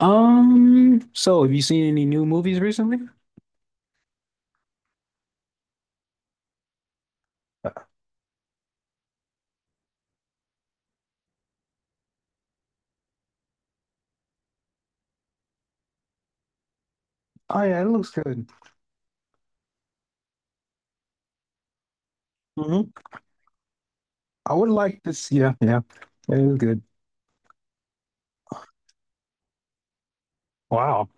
So have you seen any new movies recently? Oh yeah, it looks good. Hmm. I would like this. Yeah, yeah, it is good. Wow,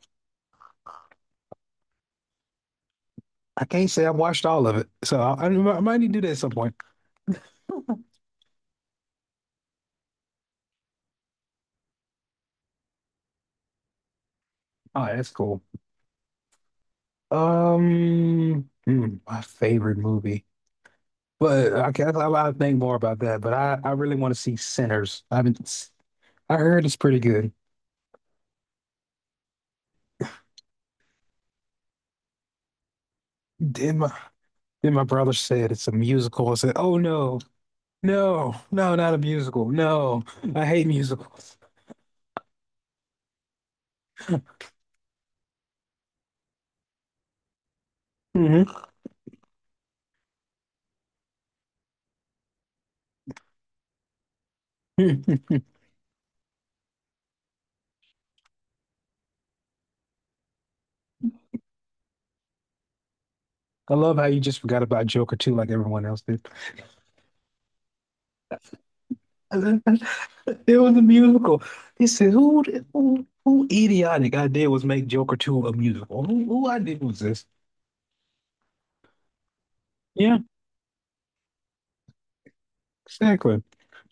I can't say I've watched all of it, so I might need to do that at some point. Oh, that's cool. My favorite movie, but I guess I will think more about that. But I really want to see Sinners. I heard it's pretty good. Then my then my brother said it's a musical. I said, oh no, no, no, not a musical. No, I hate musicals. Mhm. I love how you just forgot about Joker too, like everyone else did. It was a musical. He said, "Who idiotic idea was make Joker 2 a musical? Who idea was this?" Yeah, exactly.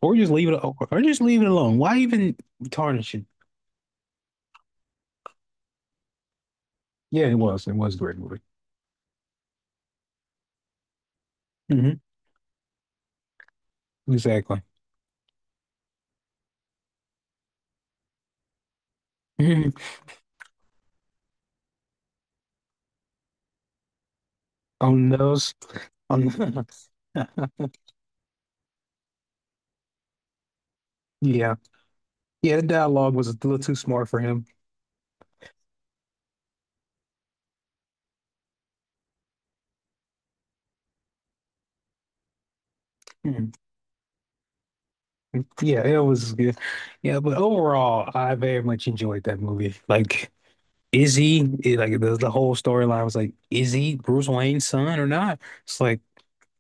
Or just leave it alone. Why even tarnish it? Yeah, it was. It was a great movie. Hmm. Exactly. Mhm. On those, on Yeah, yeah. The dialogue was a little too smart for him. Hmm. Yeah, it was good. Yeah, but overall, I very much enjoyed that movie. Like, like the whole storyline was like, is he Bruce Wayne's son or not? It's like,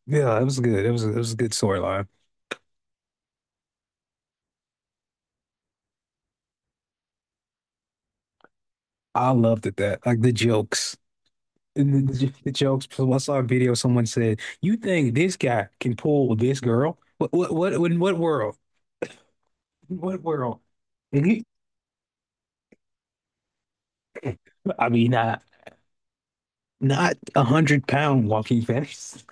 yeah, it was good. It was a good storyline. I loved it that like the jokes. And The jokes. So I saw a video. Someone said, "You think this guy can pull this girl? What in what world? In what world?" And he, I mean, not 100-pound walking fence.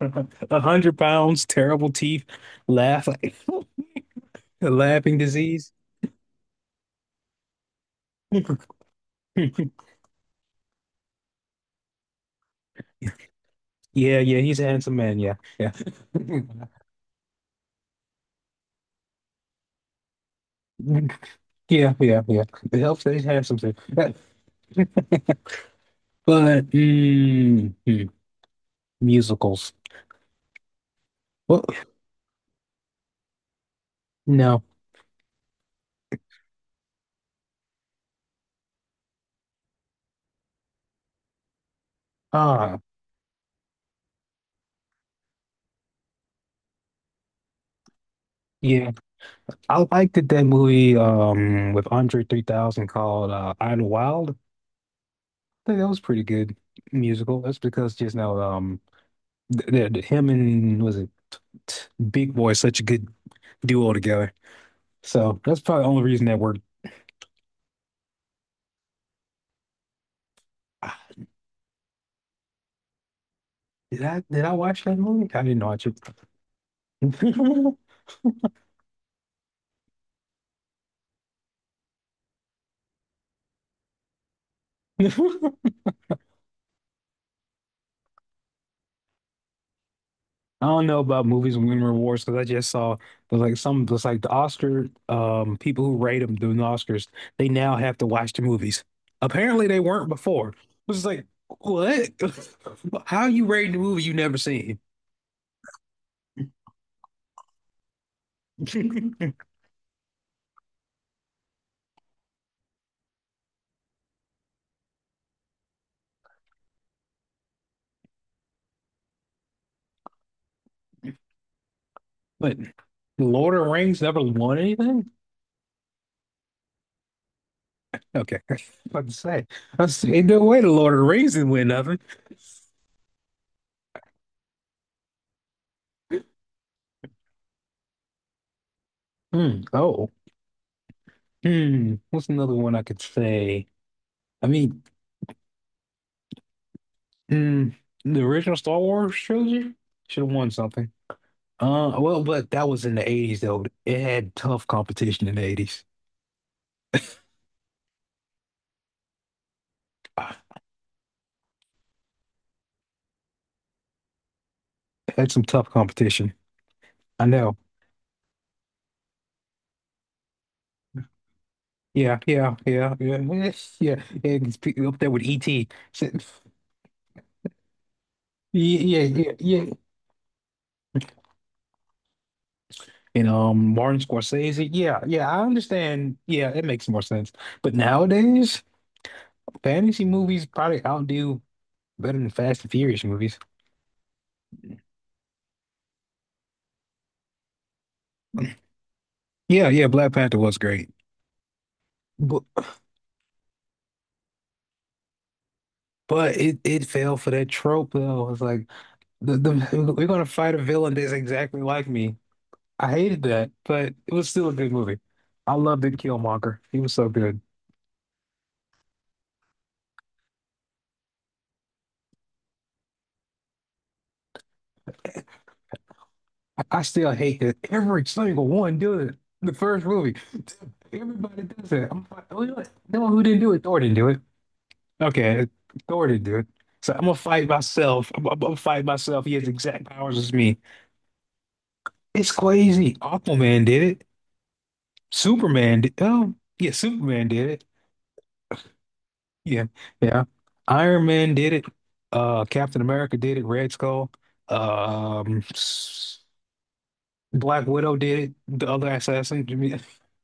100 pounds, terrible teeth, laugh like a laughing disease. Yeah, yeah, he's a handsome man. Yeah, yeah, yeah, yeah, yeah. It helps that he's handsome too. But musicals. Well, no. Ah, yeah. I liked that movie with Andre 3000 called Idlewild. I think that was pretty good musical. That's because just now him and was it Big Boy is such a good duo together. So that's probably the only reason that worked. Ah, did I watch that movie? I didn't watch it. I don't know about movies winning awards because I just saw it was like the Oscar people who rate them doing the Oscars they now have to watch the movies. Apparently they weren't before. It was like what? How you rating the movie you never seen? But Lord of the Rings never won anything? Okay. I was about to say. I say no way the Lord of the Rings didn't win nothing. Hmm. Oh. Hmm. What's another one I could say? I mean, hmm, the original Star Wars trilogy should have won something. Well, but that was in the 80s though. It had tough competition in the 80s. Ah, it had some tough competition. I know. Yeah, yeah, yeah, yeah, yeah. Yeah. It's up there with E.T. Yeah, yeah, yeah, yeah, you know, Martin Scorsese. Yeah, yeah, I understand. Yeah, it makes more sense. But nowadays, fantasy movies probably outdo better than Fast and Furious movies. Yeah, yeah, Black Panther was great. But but it fell for that trope though. It's like the we're gonna fight a villain that's exactly like me. I hated that, but it was still a good movie. I loved it, Killmonger. He was so good. I still hate that every single one does it. The first movie, everybody does it. I'm like, "Oh, you know what? No, who didn't do it? Thor didn't do it. Okay, Thor didn't do it. So I'm gonna fight myself. I'm gonna fight myself. He has the exact powers as me. It's crazy. Aquaman did it. Superman did. Oh, yeah, Superman did it. Yeah, yeah. Iron Man did it. Captain America did it. Red Skull. Um, s- Black Widow did it. The other assassin.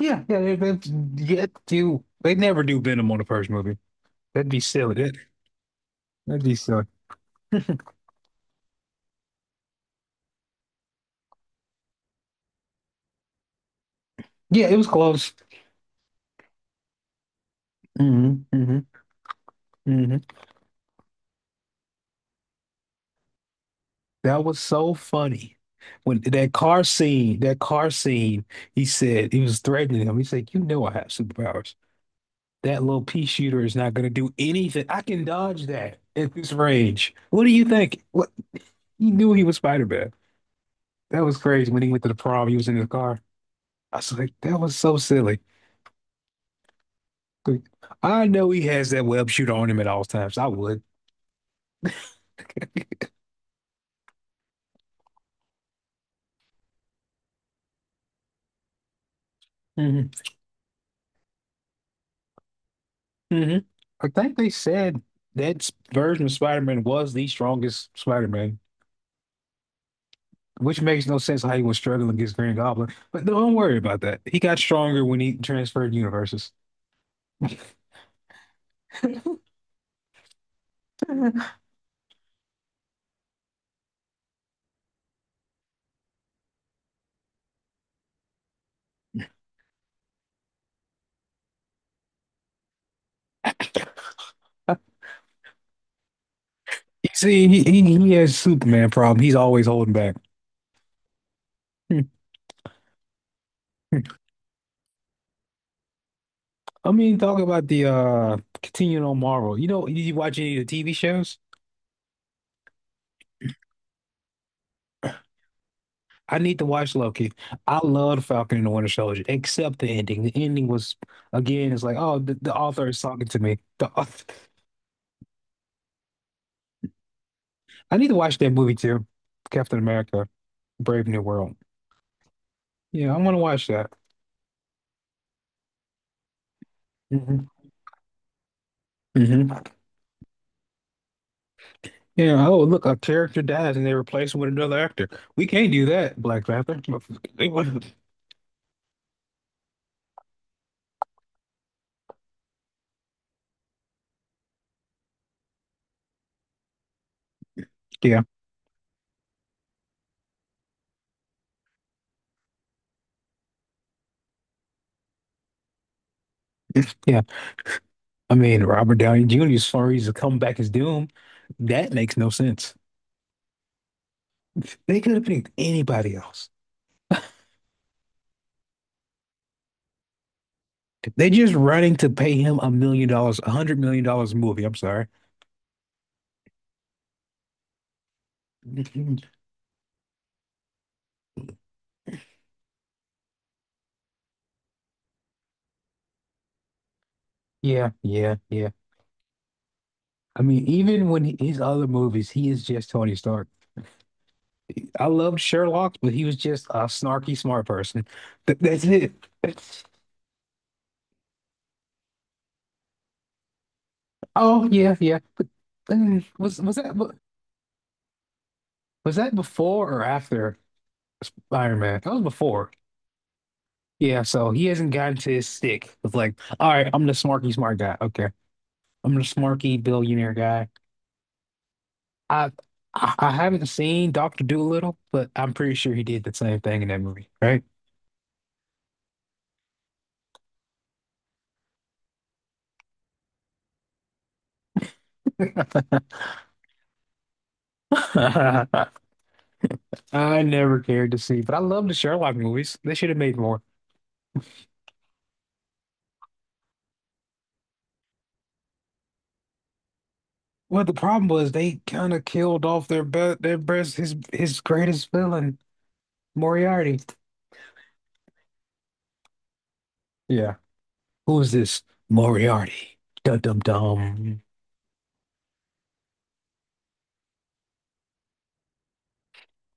Yeah, yeah, they get you. They never do Venom on the first movie. That'd be silly. That'd be silly. Yeah, it was close. Hmm. Hmm. Hmm. That was so funny. When that car scene, he said he was threatening him. He said, "You know I have superpowers. That little pea shooter is not going to do anything. I can dodge that at this range. What do you think?" What he knew he was Spider-Man. That was crazy. When he went to the prom, he was in his car. I was like, that was so silly. I know he has that web shooter on him at all times. I would. Hmm. Hmm. I think they said that version of Spider-Man was the strongest Spider-Man, which makes no sense how he was struggling against Green Goblin. But don't worry about that. He got stronger when he transferred universes. You see, he has Superman problem. He's always holding back. Hmm. I mean, talking about the continuing on Marvel. You know, you watch any of the TV shows? I need to watch Loki. I love Falcon and the Winter Soldier, except the ending. The ending was, again, it's like, oh, the author is talking to me. The author. I need to watch that movie too. Captain America, Brave New World. Yeah, I want to watch that. Hmm. Hmm. Yeah. Oh, look, a character dies and they replace him with another actor. We can't do that, Black Panther. Yeah, yeah. I mean, Robert Downey Jr. as far as to come back as Doom, that makes no sense. They could have picked anybody else. They just running to pay him $1 million, $100 million a movie. I'm sorry. Yeah, yeah, yeah. I mean, even when his other movies, he is just Tony Stark. I loved Sherlock, but he was just a snarky smart person. That's it. That's- Oh yeah, yeah. But uh, was was that be- was that before or after Iron Man? That was before. Yeah, so he hasn't gotten to his stick. It's like, all right, I'm the smarky smart guy. Okay, I'm the smarky billionaire guy. I I haven't seen Doctor Dolittle, but I'm pretty sure he did the same thing in that movie, right? I never cared to see, but I love the Sherlock movies. They should have made more. Well, the problem was they kind of killed off their best his greatest villain, Moriarty. Yeah. Who is this Moriarty? Dum dum dum.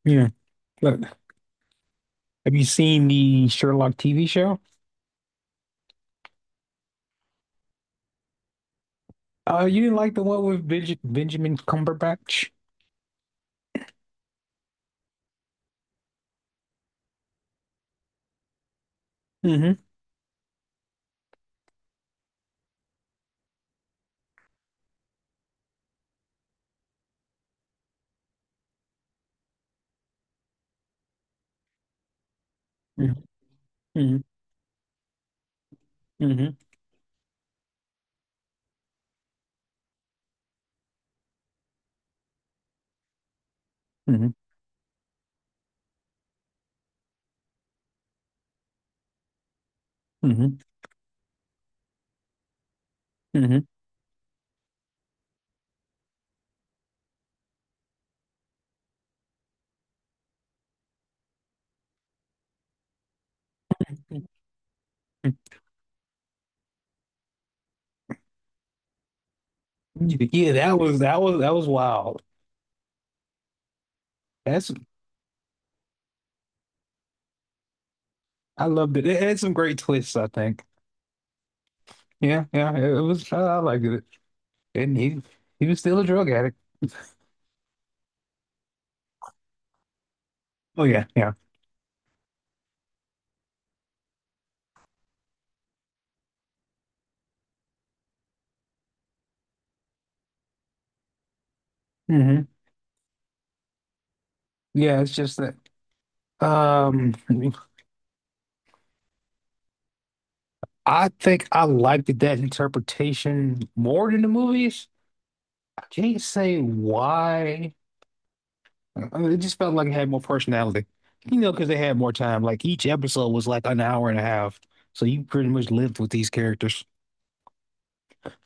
Yeah. Look, have you seen the Sherlock TV show? You didn't like the one with Benjamin Cumberbatch? Mm-hmm. Mm-hmm. Mm-hmm. Hmm. Hmm. Mhm. Yeah, that was wild. That's I loved it. It had some great twists, I think. Yeah, yeah, it was. I liked it. And he was still a drug addict. Oh yeah, yeah. Hmm. Yeah, it's just that. Um, I think I liked that interpretation more than the movies. I can't say why. I mean, it just felt like it had more personality. You know, because they had more time. Like each episode was like an hour and a half, so you pretty much lived with these characters.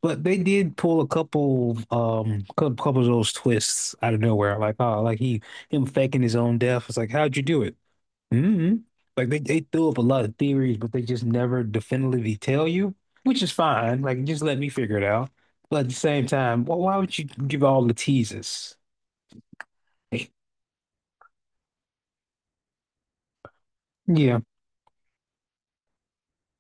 But they did pull a couple, couple of those twists out of nowhere. Like, oh, like he him faking his own death. It's like, how'd you do it? Mm-hmm. Like they threw up a lot of theories, but they just never definitively tell you, which is fine. Like, just let me figure it out. But at the same time, wh why would you give all the teases? Yeah,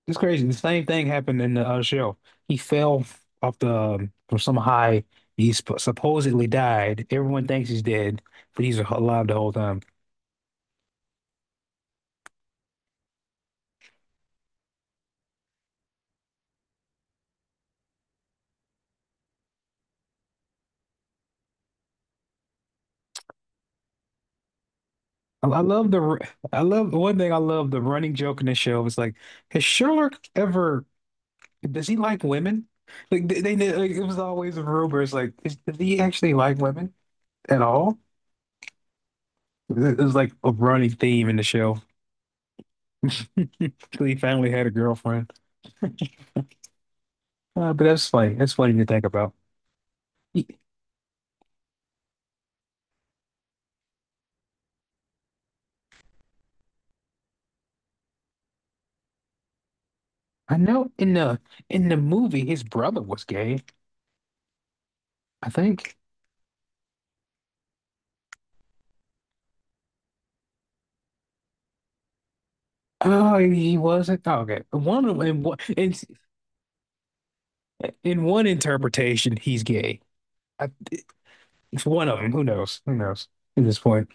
it's crazy. The same thing happened in the show. He fell off the from some high. He sp supposedly died. Everyone thinks he's dead, but he's alive the whole time. I I love the r- I love the running joke in the show is like, has Sherlock ever, does he like women? Like they like, it was always a rumor. It's like does he actually like women at all? It was like a running theme in the show. So he finally had a girlfriend. But that's funny. That's funny to think about. He- I know in the movie his brother was gay, I think. Oh, he wasn't. Oh, okay. One of in one interpretation he's gay. I, it's one of them. Who knows? Who knows at this point?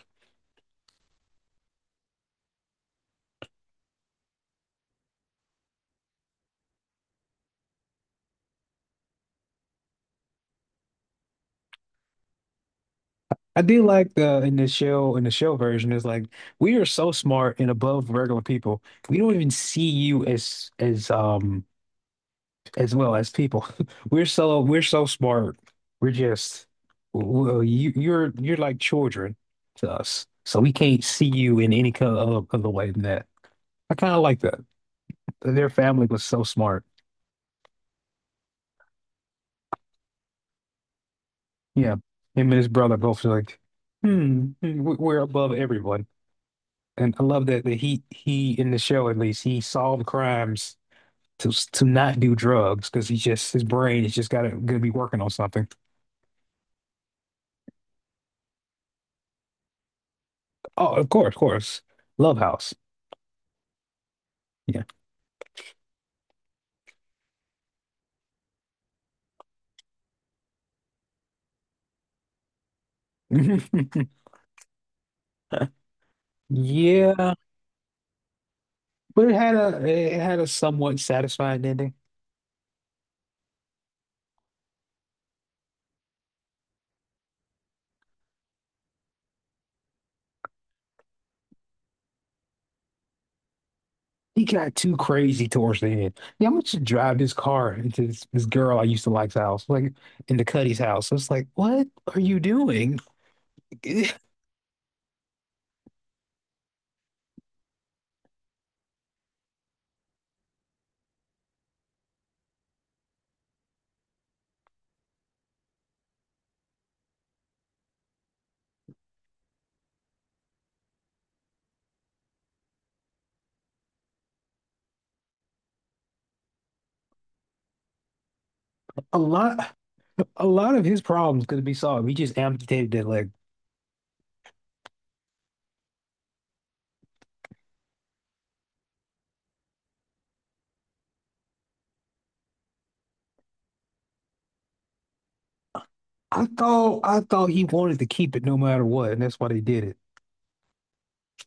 I do like the in the shell version is like we are so smart and above regular people. We don't even see you as as well as people. We're so smart. We're just Well, you're like children to us. So we can't see you in any kind of other way than that. I kind of like that. Their family was so smart. Yeah, him and his brother both like, we're above everyone. And I love that he in the show at least he solved crimes to not do drugs because he's just his brain is just gotta gonna be working on something. Oh, of course, of course. Love House. Yeah. Yeah. But it had a somewhat satisfying ending. He got too crazy towards the end. Yeah, I'm gonna just drive this car into this girl I used to like's house, like into Cuddy's house. It's like, what are you doing? A lot. A lot of his problems could be solved. He just amputated that leg. I thought he wanted to keep it no matter what, and that's why they did it.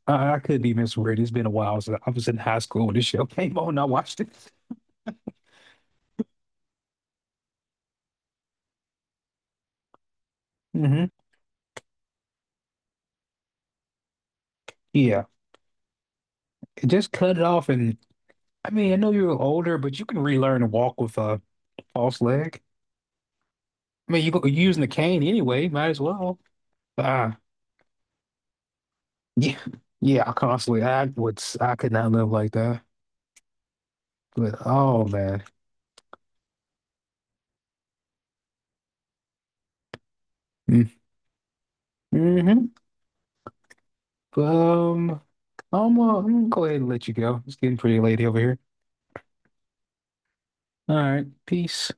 I could be misread. It's been a while since I was in high school when this show came on. And I watched it. Hmm. Yeah, just cut it off, and I mean, I know you're older, but you can relearn to walk with a false leg. I mean, you're using the cane anyway. Might as well. Uh, yeah, yeah. I constantly, I would, I could not live like that. But oh man. Mm-hmm. Um, I'm gonna go ahead and let you go. It's getting pretty late over here. All right, peace.